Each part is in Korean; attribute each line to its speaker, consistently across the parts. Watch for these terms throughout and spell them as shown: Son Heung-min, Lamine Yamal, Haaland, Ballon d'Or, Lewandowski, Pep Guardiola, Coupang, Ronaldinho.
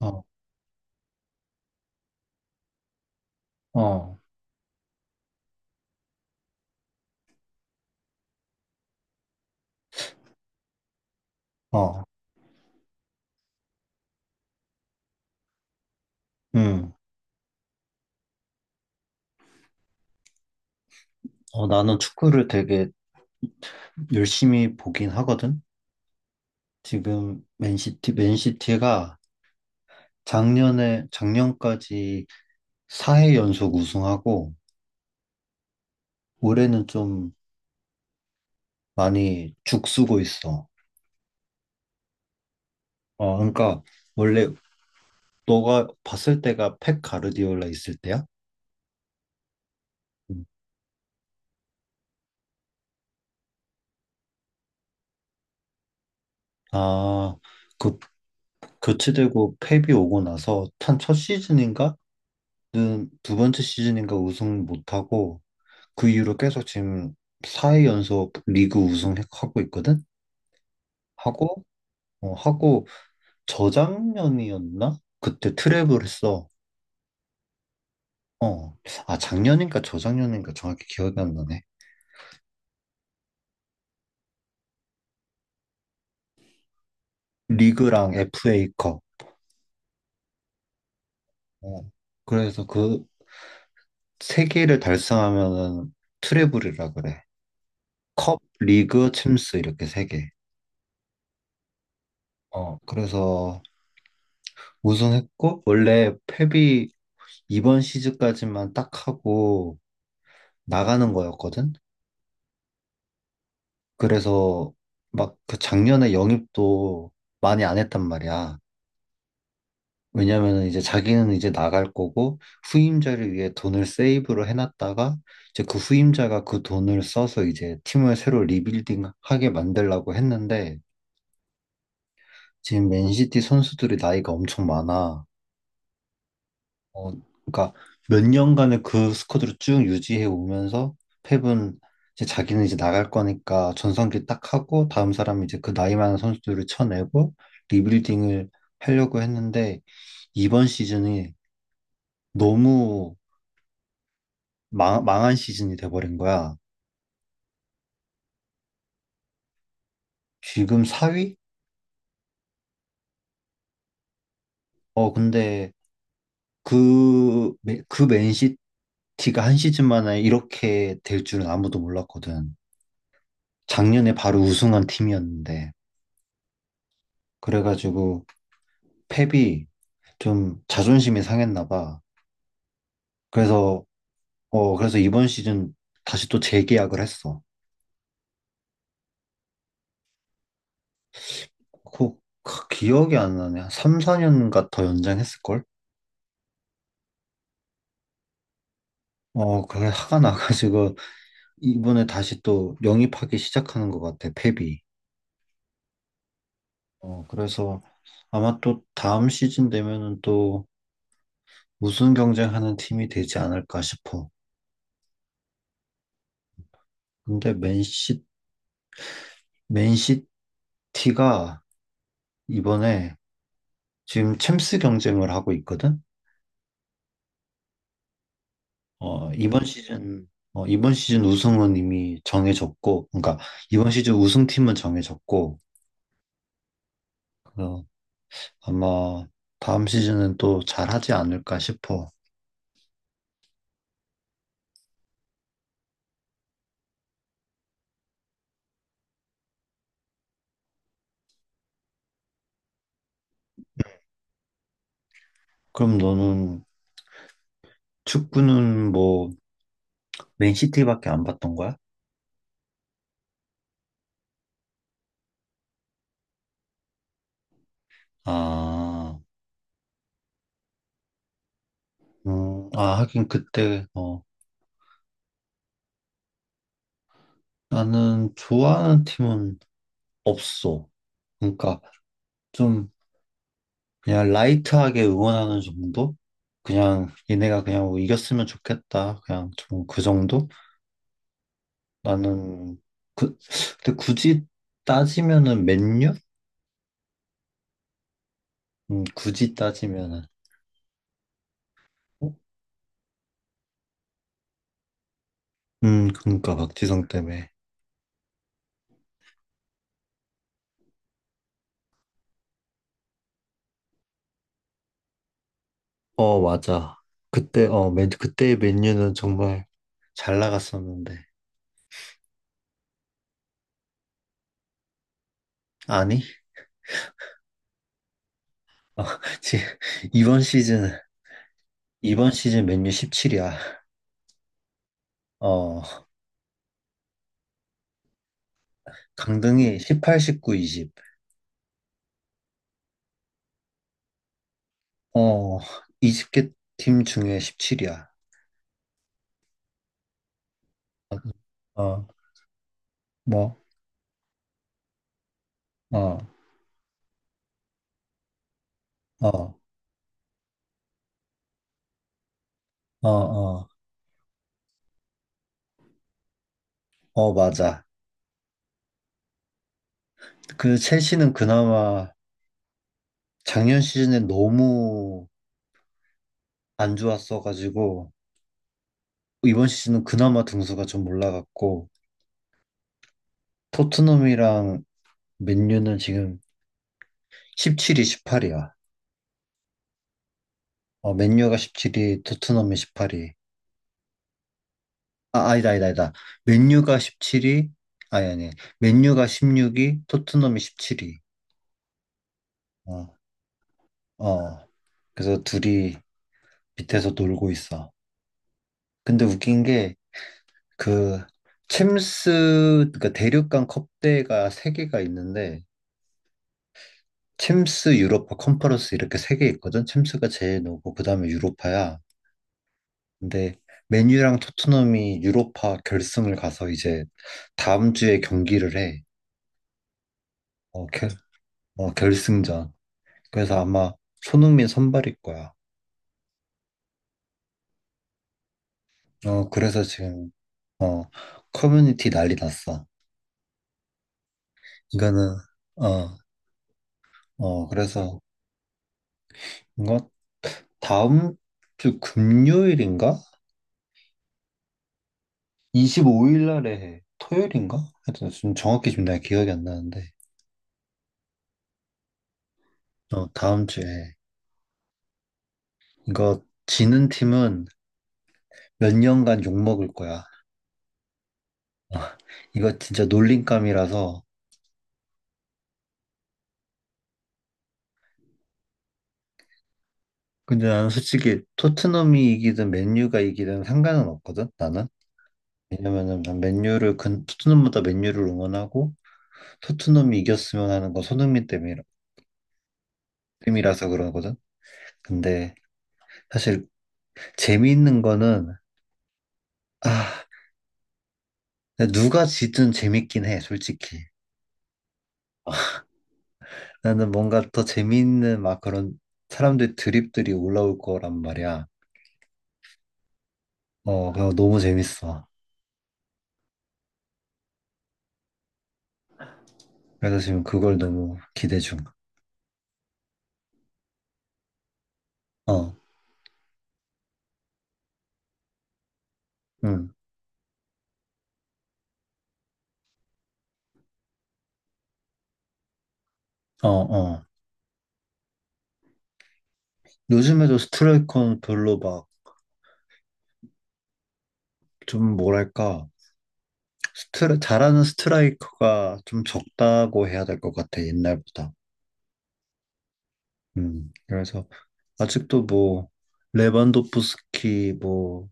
Speaker 1: 어, 어, 어, 음. 어, 나는 축구를 되게 열심히 보긴 하거든. 지금 맨시티가 작년에, 작년까지 4회 연속 우승하고, 올해는 좀 많이 죽쓰고 있어. 어, 그러니까, 원래 너가 봤을 때가 펩 가르디올라 있을 때야? 음. 아, 그, 교체되고 펩이 오고 나서 탄 첫 시즌인가? 는두 번째 시즌인가 우승 못하고, 그 이후로 계속 지금 4회 연속 리그 우승하고 있거든? 하고, 하고, 저작년이었나? 그때 트랩을 했어. 어. 아, 작년인가 저작년인가 정확히 기억이 안 나네. 리그랑 FA컵. 어. 그래서 그 세 개를 달성하면은 트래블이라 그래. 컵, 리그, 챔스 이렇게 세 개. 어. 그래서 우승했고, 원래 펩이 이번 시즌까지만 딱 하고 나가는 거였거든? 그래서 막 그 작년에 영입도 많이 안 했단 말이야. 왜냐면은 이제 자기는 이제 나갈 거고 후임자를 위해 돈을 세이브로 해놨다가 이제 그 후임자가 그 돈을 써서 이제 팀을 새로 리빌딩 하게 만들려고 했는데 지금 맨시티 선수들이 나이가 엄청 많아. 어, 그러니까 몇 년간의 그 스쿼드를 쭉 유지해 오면서 펩은 이제 자기는 이제 나갈 거니까 전성기 딱 하고 다음 사람 이제 그 나이 많은 선수들을 쳐내고 리빌딩을 하려고 했는데 이번 시즌이 너무 망한 시즌이 돼버린 거야. 지금 4위? 어, 근데 그 맨시티가 한 시즌 만에 이렇게 될 줄은 아무도 몰랐거든. 작년에 바로 우승한 팀이었는데. 그래가지고 펩이 좀 자존심이 상했나 봐. 그래서 그래서 이번 시즌 다시 또 재계약을 했어. 그, 그 기억이 안 나네. 한 3, 4년인가 더 연장했을 걸? 어 그래 화가 나가지고 이번에 다시 또 영입하기 시작하는 것 같아 펩이. 어 그래서 아마 또 다음 시즌 되면은 또 우승 경쟁하는 팀이 되지 않을까 싶어. 근데 맨시티가 이번에 지금 챔스 경쟁을 하고 있거든. 어, 이번 시즌, 어, 이번 시즌 우승은 이미 정해졌고, 그러니까 이번 시즌 우승팀은 정해졌고, 그 아마 다음 시즌은 또 잘하지 않을까 싶어. 그럼 너는 축구는 뭐 맨시티밖에 안 봤던 거야? 아, 아, 하긴 그때, 어, 나는 좋아하는 팀은 없어. 그러니까 좀 그냥 라이트하게 응원하는 정도? 그냥 얘네가 그냥 뭐 이겼으면 좋겠다. 그냥 좀 그 정도? 나는 그 근데 굳이 따지면은 맨유? 굳이 따지면은 어? 그러니까 박지성 때문에 어 맞아 그때의 맨유는 정말 잘 나갔었는데 아니 어, 지금 이번 시즌 이번 시즌 맨유 17이야 어 강등이 18, 19, 20. 어 20개 팀 중에 17이야 어 뭐 어 어 어 어 어 맞아 그 첼시는 그나마 작년 시즌에 너무 안 좋았어가지고 이번 시즌은 그나마 등수가 좀 올라갔고 토트넘이랑 맨유는 지금 17위, 18위야. 어, 맨유가 17위, 토트넘이 18위. 아, 아니다. 맨유가 17위, 아니, 아니. 맨유가 16위, 토트넘이 17위. 어, 어. 그래서 둘이 밑에서 놀고 있어. 근데 웃긴 게 그 챔스, 그니까 대륙간 컵대가 세개가 있는데 챔스, 유로파, 컨퍼런스 이렇게 세 개 있거든. 챔스가 제일 높고 그다음에 유로파야. 근데 맨유랑 토트넘이 유로파 결승을 가서 이제 다음 주에 경기를 해. 어, 결, 어, 결승전. 그래서 아마 손흥민 선발일 거야. 어, 그래서 지금 어, 커뮤니티 난리 났어. 이거는 어, 어, 그래서 이거 다음 주 금요일인가? 25일 날에 해. 토요일인가? 하여튼 좀 정확히 지금 내가 기억이 안 나는데 어, 다음 주에. 이거 지는 팀은 몇 년간 욕먹을 거야. 어, 이거 진짜 놀림감이라서. 근데 나는 솔직히 토트넘이 이기든 맨유가 이기든 상관은 없거든, 나는. 왜냐면은 토트넘보다 맨유를 응원하고 토트넘이 이겼으면 하는 건 손흥민 때문이라, 때문이라서 그러거든. 근데 사실 재미있는 거는, 아, 누가 지든 재밌긴 해, 솔직히. 어, 나는 뭔가 더 재미있는 막 그런 사람들 드립들이 올라올 거란 말이야. 어, 그거 너무 재밌어. 그래서 지금 그걸 너무 기대 중. 어, 응, 어, 어. 요즘에도 스트라이커는 별로 막 좀 뭐랄까 스트라 잘하는 스트라이커가 좀 적다고 해야 될 것 같아 옛날보다. 그래서 아직도 뭐 레반도프스키 뭐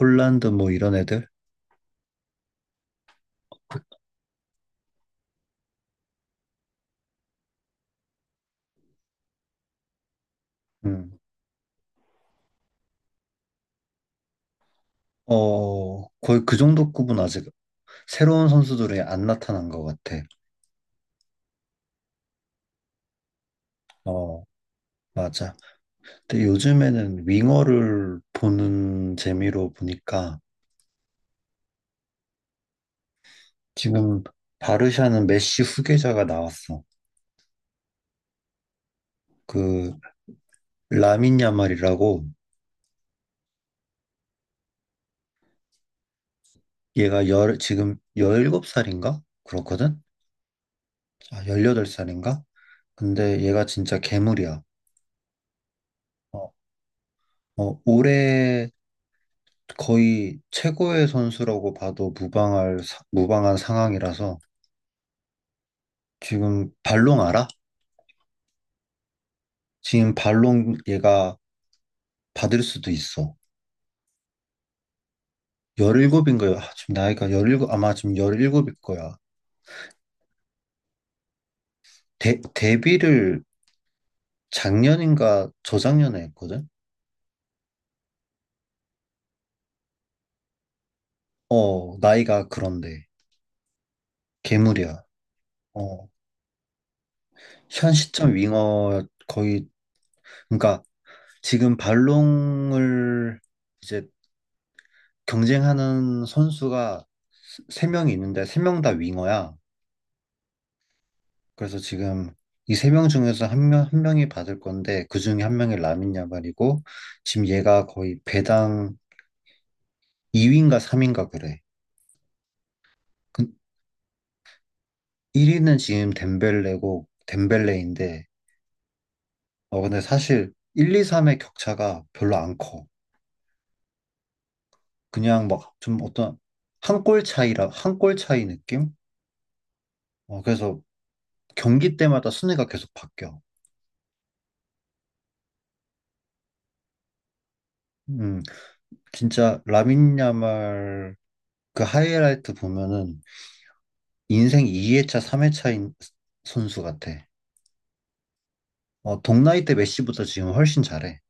Speaker 1: 홀란드 뭐 이런 애들, 음, 어 거의 그 정도 급은 아직 새로운 선수들이 안 나타난 것 같아. 어, 맞아. 근데 요즘에는 윙어를 보는 재미로 보니까 지금 바르샤는 메시 후계자가 나왔어. 그 라민 야말이라고 지금 17살인가? 그렇거든? 아, 18살인가? 근데 얘가 진짜 괴물이야. 어, 어, 올해 거의 최고의 선수라고 봐도 무방한 상황이라서 지금 발롱 알아? 지금 발롱 얘가 받을 수도 있어. 17인가? 요 지금 나이가 17, 아마 지금 일곱일 거야. 데뷔를 작년인가 저작년에 했거든? 어, 나이가 그런데. 괴물이야. 어, 현 시점 윙어 거의, 그러니까 지금 발롱을 이제 경쟁하는 선수가 세명이 있는데 세 명 다 윙어야. 그래서 지금 이 세 명 중에서 한 명이 받을 건데 그 중에 한 명이 라민 야말이고 지금 얘가 거의 배당 2위인가 3위인가 그래. 그 1위는 지금 덴벨레고 덴벨레인데 어 근데 사실 1, 2, 3의 격차가 별로 안 커. 그냥 막 좀 어떤 한 골 차이 느낌? 어 그래서 경기 때마다 순위가 계속 바뀌어. 음 진짜 라민 야말 그 하이라이트 보면은 인생 2회차, 3회차인 선수 같아. 어, 동나이 때 메시보다 지금 훨씬 잘해.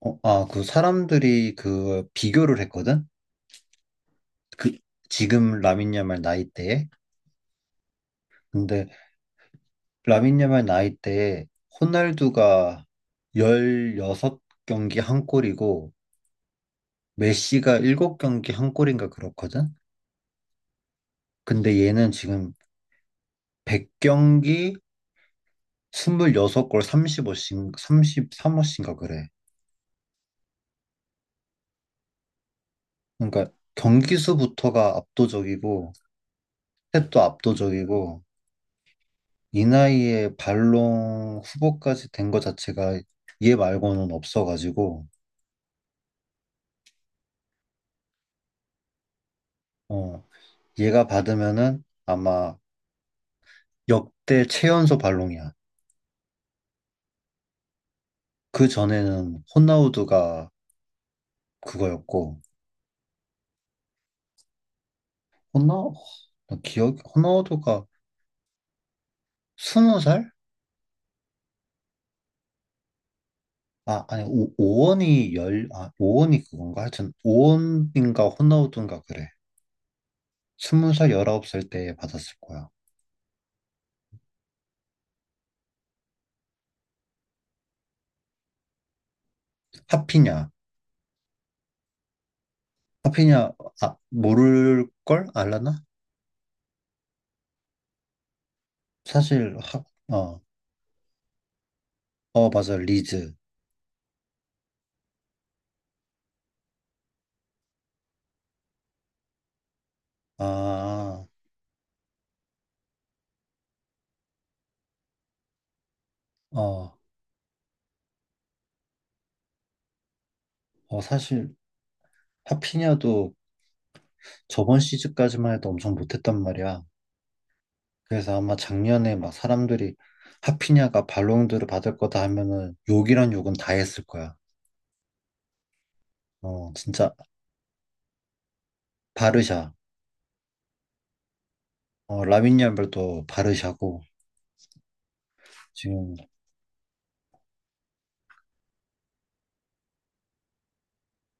Speaker 1: 어, 아, 그 사람들이 그 비교를 했거든? 그, 지금 라민 야말 나이 때에. 근데 라민 야말 나이 때에 호날두가 16경기 한 골이고 메시가 7경기 한 골인가 그렇거든? 근데 얘는 지금 100경기 26골 35씩, 3 3호씩가 그래. 그러니까 경기수부터가 압도적이고 스텝도 압도적이고 이 나이에 발롱 후보까지 된 것 자체가 얘 말고는 없어가지고 어 얘가 받으면은 아마 역대 최연소 발롱이야. 그 전에는 호나우두가 그거였고 호나 나 기억 호나우두가 스무 살? 아 아니 오, 오원이 열아 오원이 그건가 하여튼 오원인가 호나우두인가 그래. 스무 살 열아홉 살 때 받았을 거야. 하피냐. 하피냐, 아, 모를 걸? 알라나? 사실, 하, 어, 어, 맞아, 리즈. 아, 어, 어, 사실, 하피냐도 저번 시즌까지만 해도 엄청 못했단 말이야. 그래서 아마 작년에 막 사람들이 하피냐가 발롱도르 받을 거다 하면은 욕이란 욕은 다 했을 거야. 어, 진짜, 바르샤. 어, 라민 얄말도 바르샤고, 지금,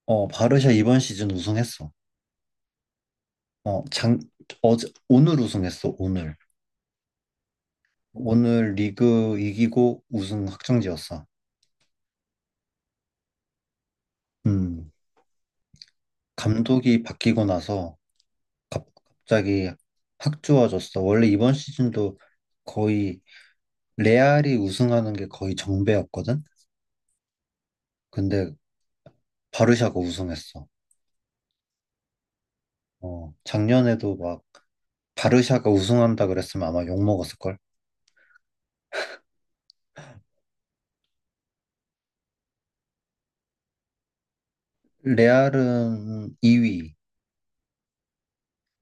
Speaker 1: 어, 바르샤 이번 시즌 우승했어. 어, 장, 어제, 오늘 우승했어, 오늘. 오늘 리그 이기고 우승 확정지었어. 음, 감독이 바뀌고 나서 갑자기 확 좋아졌어. 원래 이번 시즌도 거의 레알이 우승하는 게 거의 정배였거든? 근데 바르샤가 우승했어. 어, 작년에도 막 바르샤가 우승한다 그랬으면 아마 욕먹었을걸? 레알은 2위,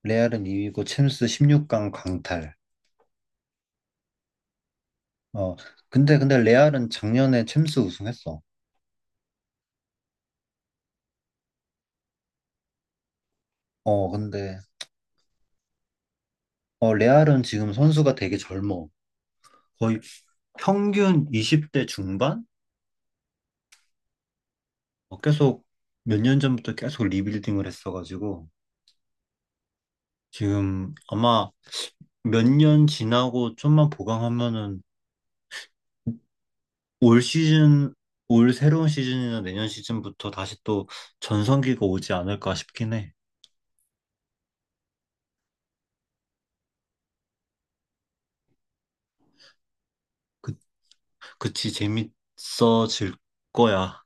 Speaker 1: 레알은 2위고 챔스 16강 강탈. 어, 근데 레알은 작년에 챔스 우승했어. 어, 근데 어, 레알은 지금 선수가 되게 젊어. 거의 평균 20대 중반? 어, 계속 몇 년 전부터 계속 리빌딩을 했어가지고 지금 아마 몇 년 지나고 좀만 보강하면은 올 시즌, 올 새로운 시즌이나 내년 시즌부터 다시 또 전성기가 오지 않을까 싶긴 해. 그, 그치, 재밌어질 거야.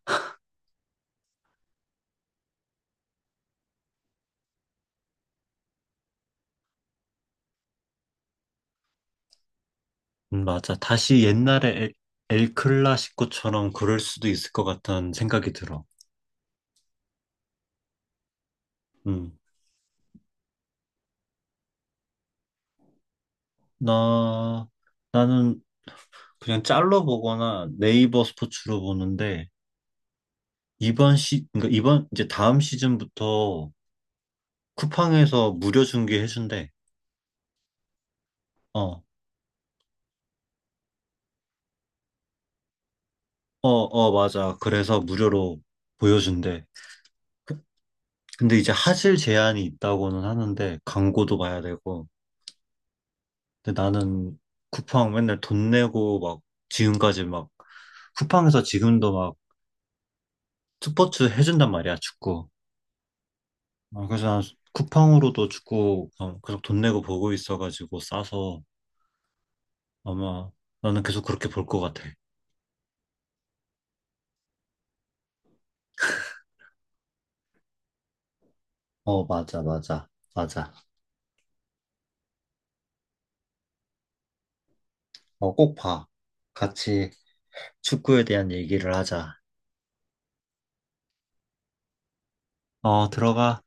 Speaker 1: 맞아. 엘클라시코처럼 그럴 수도 있을 것 같다는 생각이 들어. 음. 나, 나는 그냥 짤로 보거나 네이버 스포츠로 보는데, 이번 시, 그러니까 이번, 이제 다음 시즌부터 쿠팡에서 무료 중계해준대. 어, 어, 어, 맞아. 그래서 무료로 보여준대. 그- 근데 이제 하실 제한이 있다고는 하는데, 광고도 봐야 되고. 근데 나는 쿠팡 맨날 돈 내고 막, 지금까지 막, 쿠팡에서 지금도 막 스포츠 해준단 말이야, 축구. 어, 그래서 난 쿠팡으로도 축구 어, 계속 돈 내고 보고 있어가지고 싸서 아마 나는 계속 그렇게 볼 것 같아. 어, 맞아. 어, 꼭 봐. 같이 축구에 대한 얘기를 하자. 어, 들어가.